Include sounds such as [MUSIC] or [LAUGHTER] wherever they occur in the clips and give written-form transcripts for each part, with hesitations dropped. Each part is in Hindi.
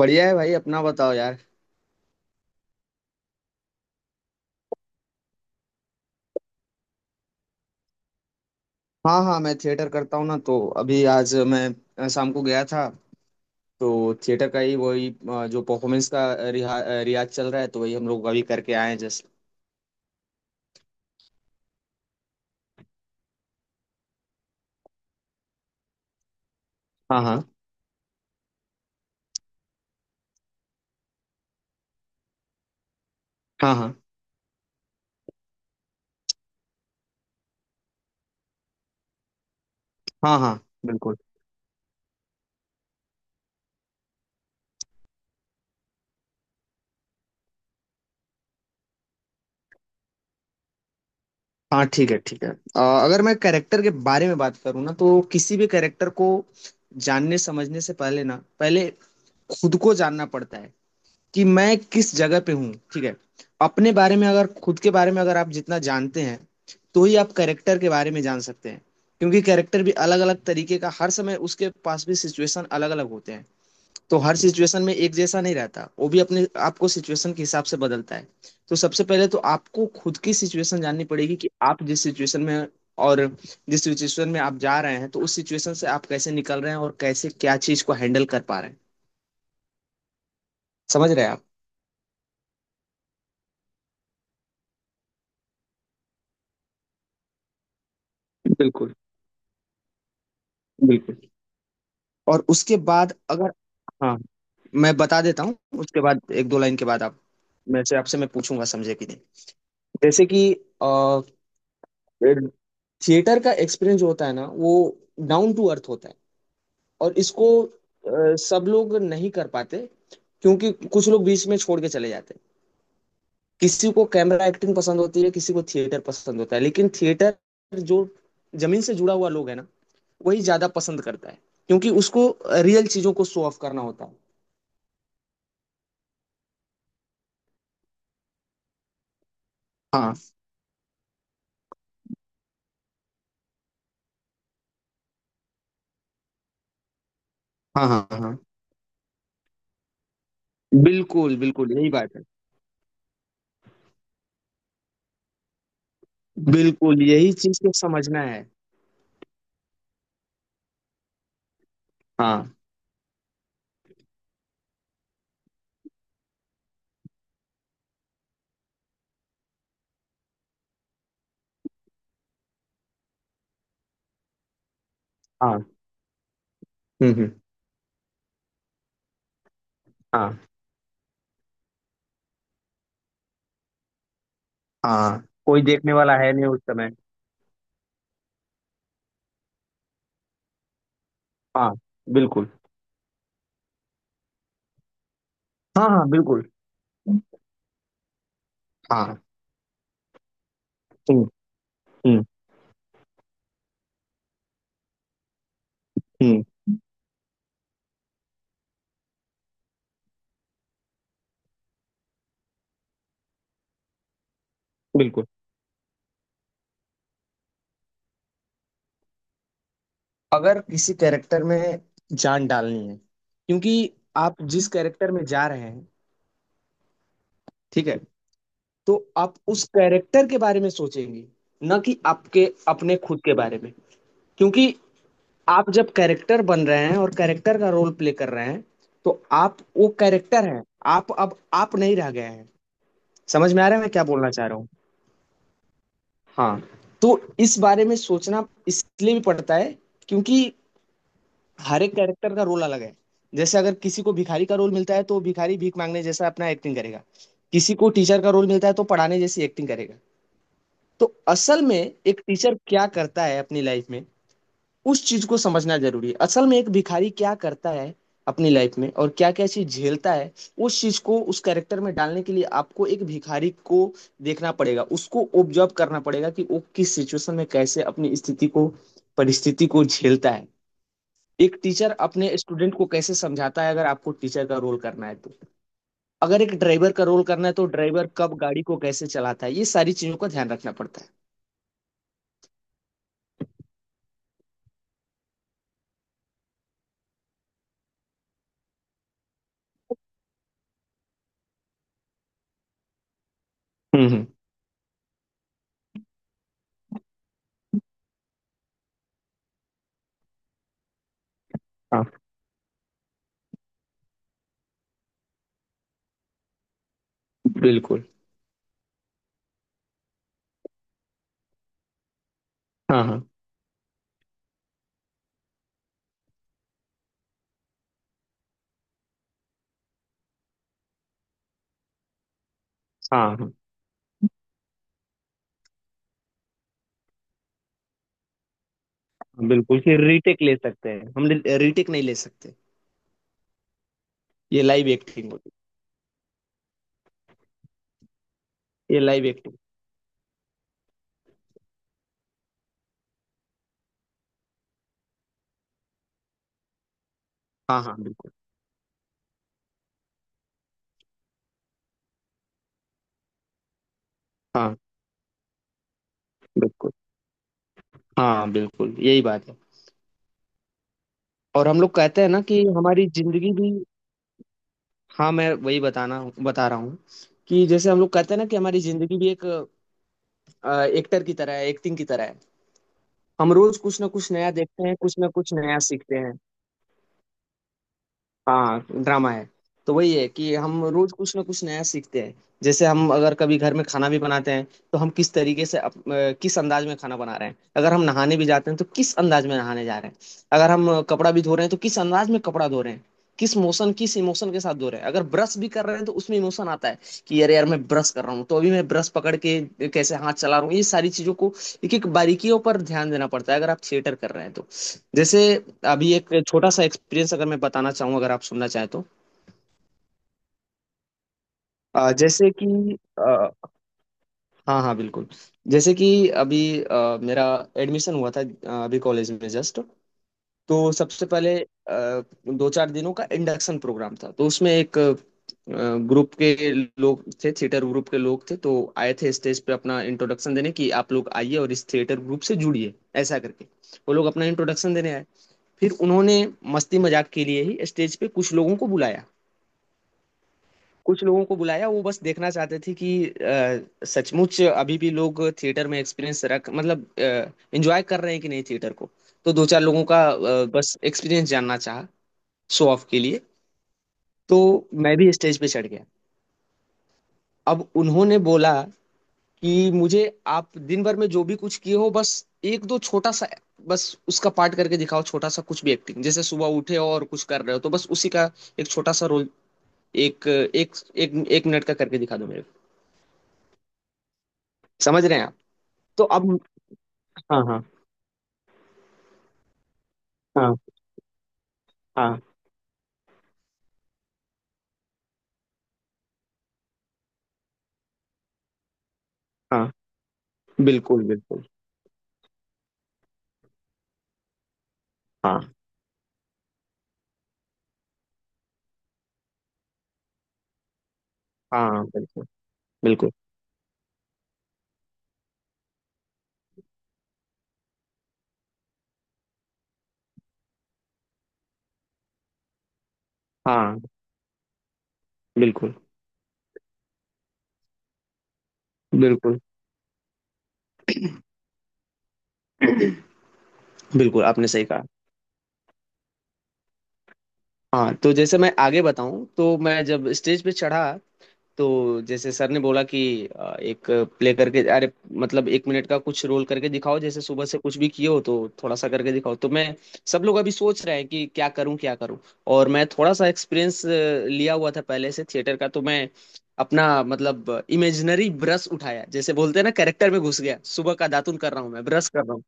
बढ़िया है भाई। अपना बताओ यार। हाँ हाँ, मैं थिएटर करता हूँ ना। तो अभी आज मैं शाम को गया था। तो थिएटर का ही वही जो परफॉर्मेंस का रियाज चल रहा है। तो वही हम लोग अभी करके आए हैं जस्ट। हाँ हाँ हाँ हाँ हाँ हाँ, बिल्कुल। हाँ ठीक है ठीक है। अगर मैं कैरेक्टर के बारे में बात करूँ ना, तो किसी भी कैरेक्टर को जानने समझने से पहले ना, पहले खुद को जानना पड़ता है। कि मैं किस जगह पे हूँ, ठीक है। अपने बारे में अगर, खुद के बारे में अगर आप जितना जानते हैं, तो ही आप कैरेक्टर के बारे में जान सकते हैं। क्योंकि कैरेक्टर भी अलग अलग तरीके का, हर समय उसके पास भी सिचुएशन अलग अलग होते हैं। तो हर सिचुएशन में एक जैसा नहीं रहता, वो भी अपने आपको सिचुएशन के हिसाब से बदलता है। तो सबसे पहले तो आपको खुद की सिचुएशन जाननी पड़ेगी, कि आप जिस सिचुएशन में हैं और जिस सिचुएशन में आप जा रहे हैं, तो उस सिचुएशन से आप कैसे निकल रहे हैं और कैसे, क्या चीज को हैंडल कर पा रहे हैं। समझ रहे हैं आप। बिल्कुल बिल्कुल। और उसके बाद अगर, हाँ, मैं बता देता हूँ। उसके बाद एक दो लाइन के बाद आप, मैं से आपसे मैं पूछूंगा, समझे कि नहीं। जैसे कि अ, थिएटर का एक्सपीरियंस जो होता है ना, वो डाउन टू अर्थ होता है। और इसको सब लोग नहीं कर पाते। क्योंकि कुछ लोग बीच में छोड़ के चले जाते हैं। किसी को कैमरा एक्टिंग पसंद होती है, किसी को थिएटर पसंद होता है। लेकिन थिएटर जो, जमीन से जुड़ा हुआ लोग है ना, वही ज्यादा पसंद करता है। क्योंकि उसको रियल चीजों को शो ऑफ करना होता है। हाँ हाँ हाँ हाँ, बिल्कुल, बिल्कुल, यही बात है। बिल्कुल, यही चीज़ को समझना है। हाँ, हाँ। हुँ, हुँ। हाँ, हाँ। कोई देखने वाला है नहीं उस समय। हाँ, बिल्कुल। हाँ, हाँ, बिल्कुल। हाँ, हुँ, हुँ, हुँ, बिल्कुल। अगर किसी कैरेक्टर में जान डालनी है, क्योंकि आप जिस कैरेक्टर में जा रहे हैं, ठीक है? तो आप उस कैरेक्टर के बारे में सोचेंगे, ना कि आपके अपने खुद के बारे में। क्योंकि आप जब कैरेक्टर बन रहे हैं और कैरेक्टर का रोल प्ले कर रहे हैं, तो आप वो कैरेक्टर हैं, आप, अब आप नहीं रह गए हैं। समझ में आ रहा है मैं क्या बोलना चाह रहा हूँ। हाँ, तो इस बारे में सोचना इसलिए भी पड़ता है, क्योंकि हर एक कैरेक्टर का रोल अलग है। जैसे अगर किसी को भिखारी का रोल मिलता है, तो वो भिखारी भीख मांगने जैसा अपना एक्टिंग करेगा। किसी को टीचर का रोल मिलता है तो पढ़ाने जैसी एक्टिंग करेगा। तो असल में एक टीचर क्या करता है अपनी लाइफ में, उस चीज को समझना जरूरी है। असल में एक भिखारी क्या करता है अपनी लाइफ में और क्या क्या चीज झेलता है, उस चीज को उस कैरेक्टर में डालने के लिए आपको एक भिखारी को देखना पड़ेगा, उसको ऑब्जर्व करना पड़ेगा, कि वो किस सिचुएशन में कैसे अपनी स्थिति को, परिस्थिति को झेलता है। एक टीचर अपने स्टूडेंट को कैसे समझाता है, अगर आपको टीचर का रोल करना है तो। अगर एक ड्राइवर का रोल करना है तो ड्राइवर कब गाड़ी को कैसे चलाता है, ये सारी चीजों का ध्यान रखना पड़ता है। हम्म, हाँ, बिल्कुल। हाँ हाँ हाँ हाँ, बिल्कुल। फिर रीटेक ले सकते हैं हम? रीटेक नहीं ले सकते। ये लाइव एक्टिंग होती है, ये लाइव एक्टिंग। हाँ हाँ, बिल्कुल। हाँ, बिल्कुल। हाँ, बिल्कुल, यही बात है। और हम लोग कहते हैं ना कि हमारी जिंदगी भी, हाँ, मैं वही बताना बता रहा हूँ। कि जैसे हम लोग कहते हैं ना कि हमारी जिंदगी भी एक एक्टर की तरह है, एक्टिंग की तरह है। हम रोज कुछ ना कुछ नया देखते हैं, कुछ ना कुछ नया सीखते हैं। हाँ, ड्रामा है। तो वही है कि हम रोज कुछ ना कुछ नया सीखते हैं। जैसे हम अगर कभी घर में खाना भी बनाते हैं, तो हम किस तरीके से, किस अंदाज में खाना बना रहे हैं। अगर हम नहाने भी जाते हैं, तो किस अंदाज में नहाने जा रहे हैं। अगर हम कपड़ा भी धो रहे हैं, तो किस अंदाज में कपड़ा धो रहे हैं, किस मोशन, किस इमोशन के साथ धो रहे हैं। अगर ब्रश भी कर रहे हैं तो उसमें इमोशन आता है। कि यार यार, मैं ब्रश कर रहा हूँ, तो अभी मैं ब्रश पकड़ के कैसे हाथ चला रहा हूँ, ये सारी चीजों को, एक एक बारीकियों पर ध्यान देना पड़ता है अगर आप थिएटर कर रहे हैं तो। जैसे अभी एक छोटा सा एक्सपीरियंस अगर मैं बताना चाहूँ, अगर आप सुनना चाहें तो। जैसे कि अ, हाँ हाँ बिल्कुल। जैसे कि अभी मेरा एडमिशन हुआ था, अभी कॉलेज में जस्ट। तो सबसे पहले दो चार दिनों का इंडक्शन प्रोग्राम था। तो उसमें एक ग्रुप के लोग थे, थिएटर ग्रुप के लोग थे। तो आए थे स्टेज पे अपना इंट्रोडक्शन देने, कि आप लोग आइए और इस थिएटर ग्रुप से जुड़िए, ऐसा करके। वो लोग अपना इंट्रोडक्शन देने आए। फिर उन्होंने मस्ती मजाक के लिए ही स्टेज पे कुछ लोगों को बुलाया। कुछ लोगों को बुलाया, वो बस देखना चाहते थे कि सचमुच अभी भी लोग थिएटर में एक्सपीरियंस रख, मतलब एंजॉय कर रहे हैं कि नहीं थिएटर को। तो दो चार लोगों का बस एक्सपीरियंस जानना चाहा, शो ऑफ के लिए। तो मैं भी स्टेज पे चढ़ गया। अब उन्होंने बोला कि मुझे, आप दिन भर में जो भी कुछ किए हो, बस एक दो छोटा सा, बस उसका पार्ट करके दिखाओ, छोटा सा कुछ भी एक्टिंग। जैसे सुबह उठे हो और कुछ कर रहे हो, तो बस उसी का एक छोटा सा रोल, एक एक मिनट का करके दिखा दो मेरे को। समझ रहे हैं आप। तो अब, हाँ हाँ हाँ हाँ, हाँ बिल्कुल बिल्कुल, हाँ हाँ, बिल्कुल बिल्कुल, हाँ बिल्कुल बिल्कुल। [CLEARS THROAT] बिल्कुल, आपने सही कहा। हाँ, तो जैसे मैं आगे बताऊं, तो मैं जब स्टेज पे चढ़ा, तो जैसे सर ने बोला कि एक प्ले करके, अरे मतलब एक मिनट का कुछ रोल करके दिखाओ, जैसे सुबह से कुछ भी किए हो तो थोड़ा सा करके दिखाओ। तो मैं, सब लोग अभी सोच रहे हैं कि क्या करूं क्या करूं, और मैं थोड़ा सा एक्सपीरियंस लिया हुआ था पहले से थिएटर का। तो मैं अपना, मतलब इमेजिनरी ब्रश उठाया, जैसे बोलते हैं ना कैरेक्टर में घुस गया। सुबह का दातुन कर रहा हूँ, मैं ब्रश कर रहा हूँ।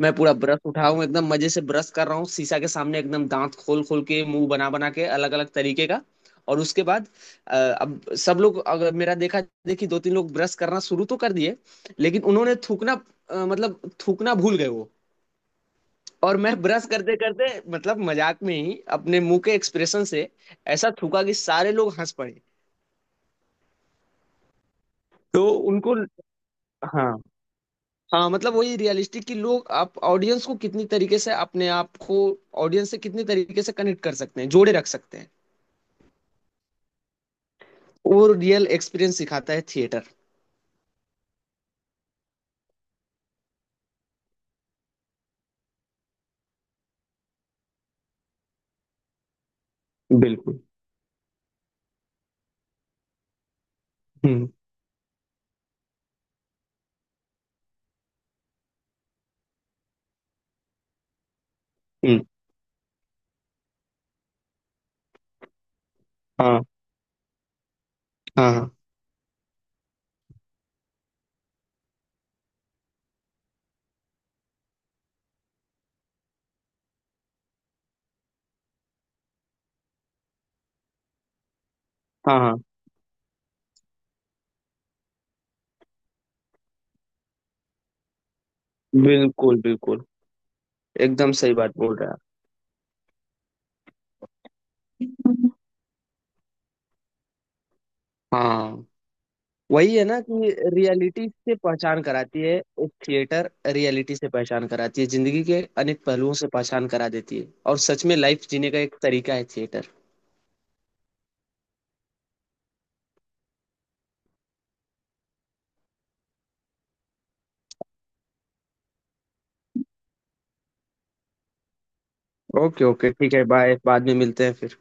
मैं पूरा ब्रश उठाऊं, एकदम मजे से ब्रश कर रहा हूँ, शीशा के सामने एकदम दांत खोल खोल के, मुंह बना बना के अलग अलग तरीके का। और उसके बाद अ, अब सब लोग अगर मेरा देखा देखी, दो तीन लोग ब्रश करना शुरू तो कर दिए, लेकिन उन्होंने थूकना, मतलब थूकना भूल गए वो। और मैं ब्रश करते करते, मतलब मजाक में ही अपने मुंह के एक्सप्रेशन से ऐसा थूका कि सारे लोग हंस पड़े। तो उनको, हाँ हाँ, मतलब वही रियलिस्टिक, कि लोग आप, ऑडियंस को कितनी तरीके से अपने आप को, ऑडियंस से कितनी तरीके से कनेक्ट कर सकते हैं, जोड़े रख सकते हैं। वो रियल एक्सपीरियंस सिखाता है थिएटर। बिल्कुल, हम्म हम्म, हाँ हाँ हाँ हाँ, बिल्कुल बिल्कुल, एकदम सही बात बोल रहे हैं। हम्म। आप, हाँ, वही है ना कि रियलिटी से पहचान कराती है। एक थिएटर रियलिटी से पहचान कराती है, जिंदगी के अनेक पहलुओं से पहचान करा देती है, और सच में लाइफ जीने का एक तरीका है थिएटर। ओके ओके, ठीक है, बाय, बाद में मिलते हैं फिर।